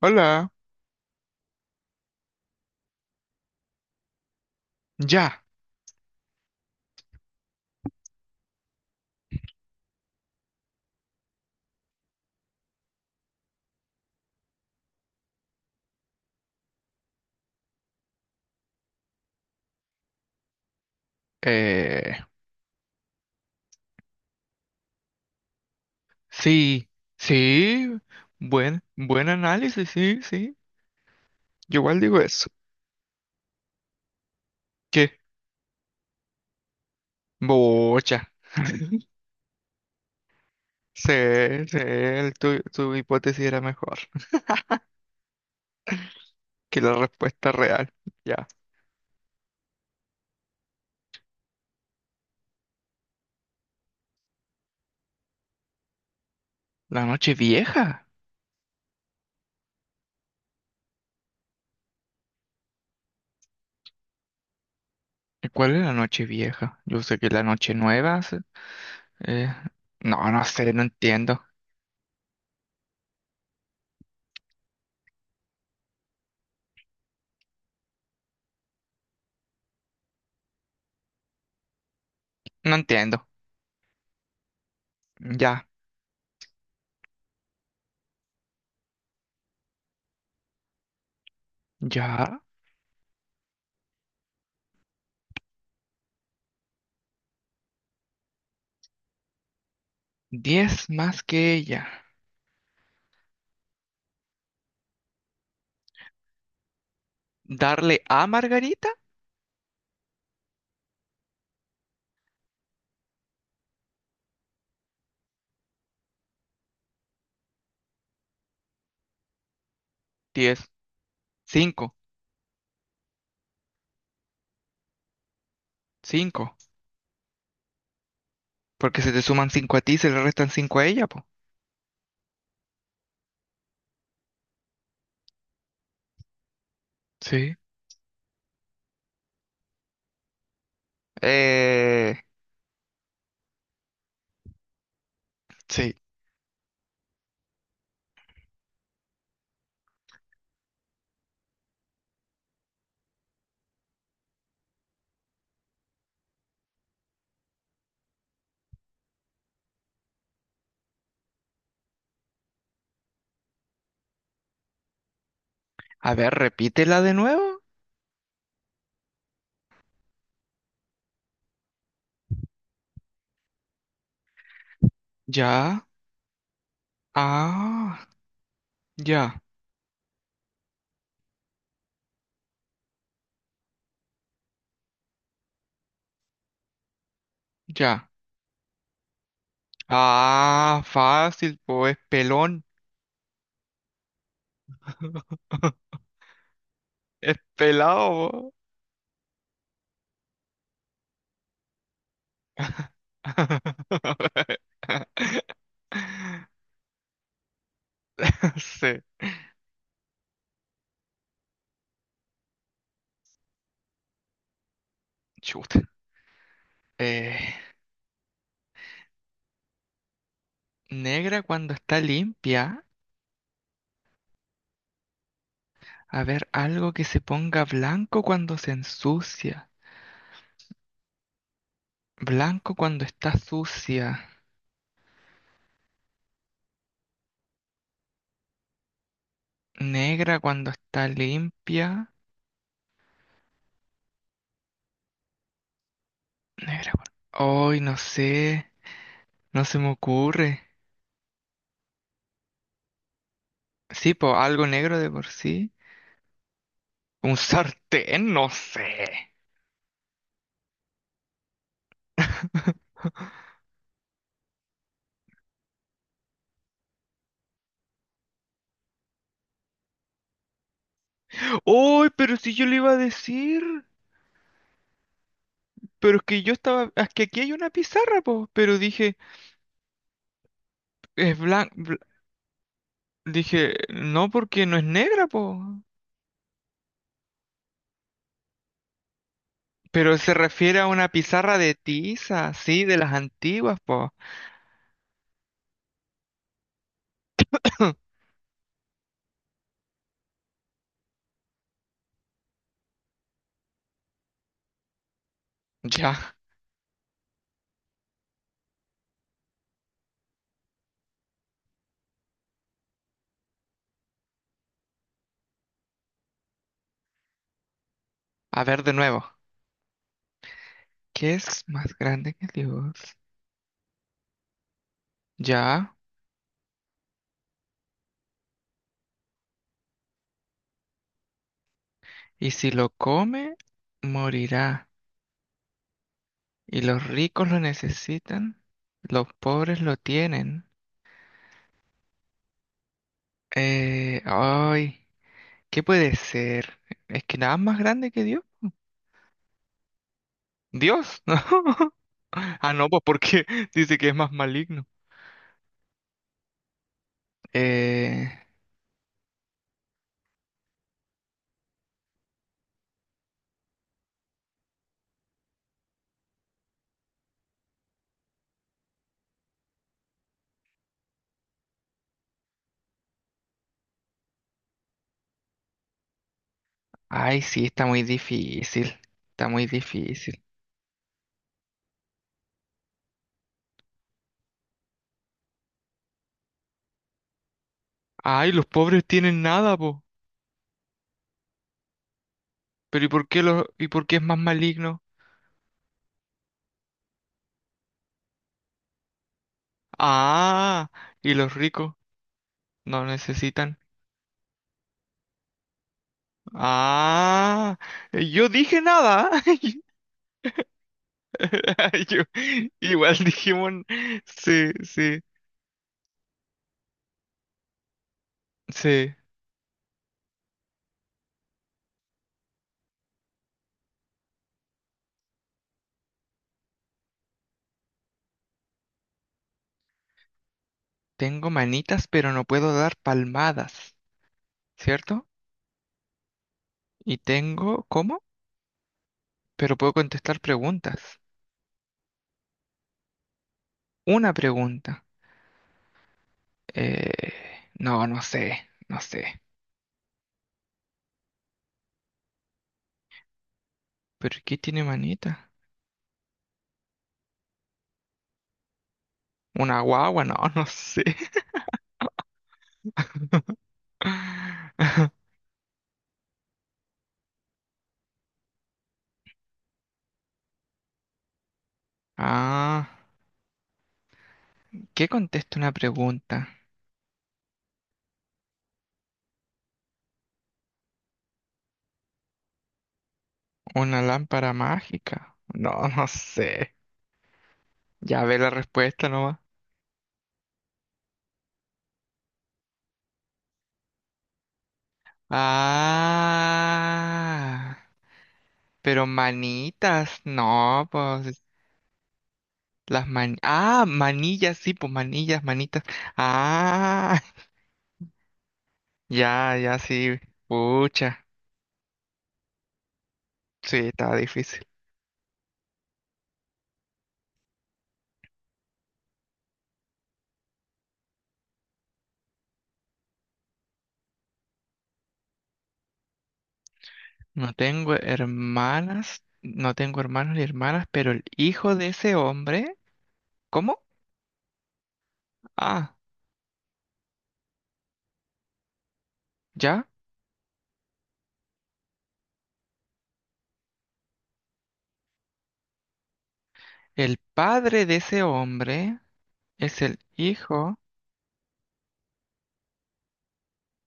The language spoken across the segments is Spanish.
Hola, ya. Eh, sí, sí, buen análisis, sí, sí. Yo igual digo eso. ¿Qué? Bocha. Sí, sí, tu hipótesis era mejor que la respuesta real. Ya. La noche vieja. ¿Cuál es la noche vieja? Yo sé que la noche nueva. Eh, no, no sé, no entiendo. No entiendo. Ya, ya. 10 más que ella. ¿Darle a Margarita? 10. Cinco. Cinco. Porque se te suman cinco a ti y se le restan cinco a ella, po. Sí. Eh, sí. A ver, repítela de nuevo. Ya. Ah, ya, ya. Ah, fácil, po. Es pelón. Es pelado, po. Sí. Chuta. Eh, Negra cuando está limpia. A ver, algo que se ponga blanco cuando se ensucia. Blanco cuando está sucia. Negra cuando está limpia. Negra cuando... Ay, no sé. No se me ocurre. Sí, pues algo negro de por sí. Un sartén, no sé. ¡Ay, pero si yo le iba a decir! Pero es que es que aquí hay una pizarra, po. Pero dije, es blanco... dije, no, porque no es negra, po. Pero se refiere a una pizarra de tiza, sí, de las antiguas, po. Ya. A ver de nuevo. ¿Qué es más grande que Dios? Ya, y si lo come, morirá. Y los ricos lo necesitan, los pobres lo tienen. Ay, ¿qué puede ser? ¿Es que nada es más grande que Dios? Dios, ¿no? Ah, no, pues porque dice que es más maligno. Eh, Ay, sí, está muy difícil. Está muy difícil. Ay, los pobres tienen nada, po. Pero ¿y por qué y por qué es más maligno? Ah, y los ricos no necesitan. Ah, yo dije nada. Yo- Igual dijimos, sí, sí, sí. Tengo manitas, pero no puedo dar palmadas, ¿cierto? Y tengo, ¿cómo? Pero puedo contestar preguntas. Una pregunta. No, no sé, no sé. ¿Pero qué tiene manita? ¿Una guagua? No, no sé. Ah. ¿Qué contesta una pregunta? ¿Una lámpara mágica? No, no sé. Ya ve la respuesta nomás. Ah, pero manitas, no, pues ah, manillas, sí, pues manillas, manitas. Ah, ya, ya, sí. Pucha, sí, estaba difícil. No tengo hermanas, no tengo hermanos ni hermanas, pero el hijo de ese hombre, ¿cómo? Ah, ya. El padre de ese hombre es el hijo,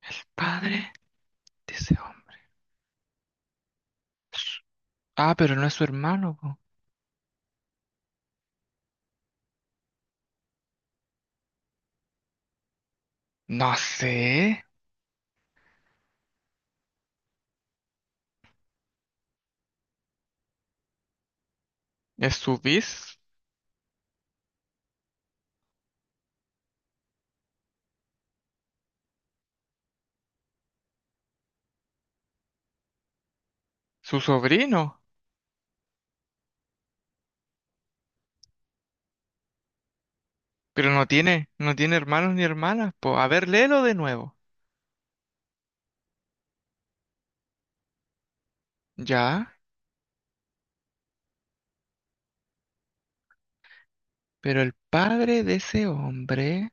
el padre de ese hombre. Ah, pero no es su hermano, po. No sé. Es su bis, su sobrino. Pero no tiene hermanos ni hermanas, po. A ver, léelo de nuevo. Ya, pero el padre de ese hombre.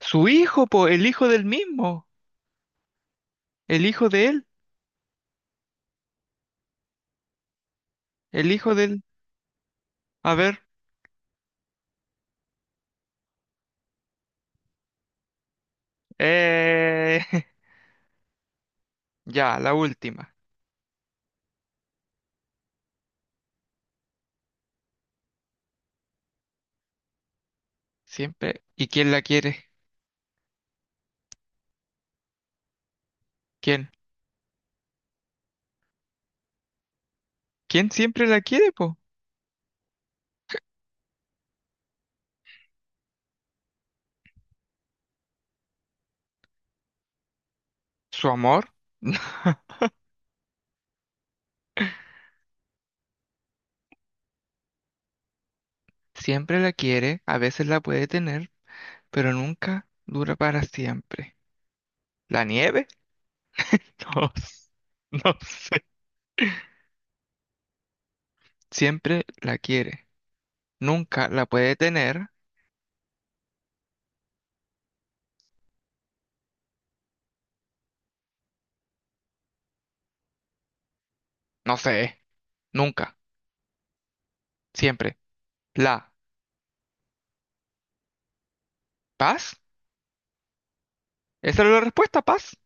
Su hijo, po, el hijo del mismo. El hijo de él. El hijo del. A ver. Eh... Ya, la última. Siempre. ¿Y quién la quiere? ¿Quién? ¿Quién siempre la quiere, po? ¿Su amor? Siempre la quiere, a veces la puede tener, pero nunca dura para siempre. ¿La nieve? No, no sé. Siempre la quiere, nunca la puede tener, no sé, nunca, siempre. ¿La paz? ¿Esa era la respuesta, paz?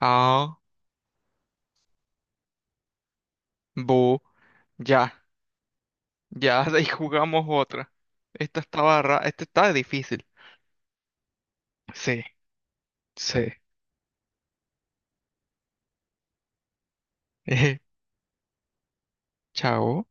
Ah, bu, ya, ya, de ahí jugamos otra. Esta está difícil. Sí, sí. Chao.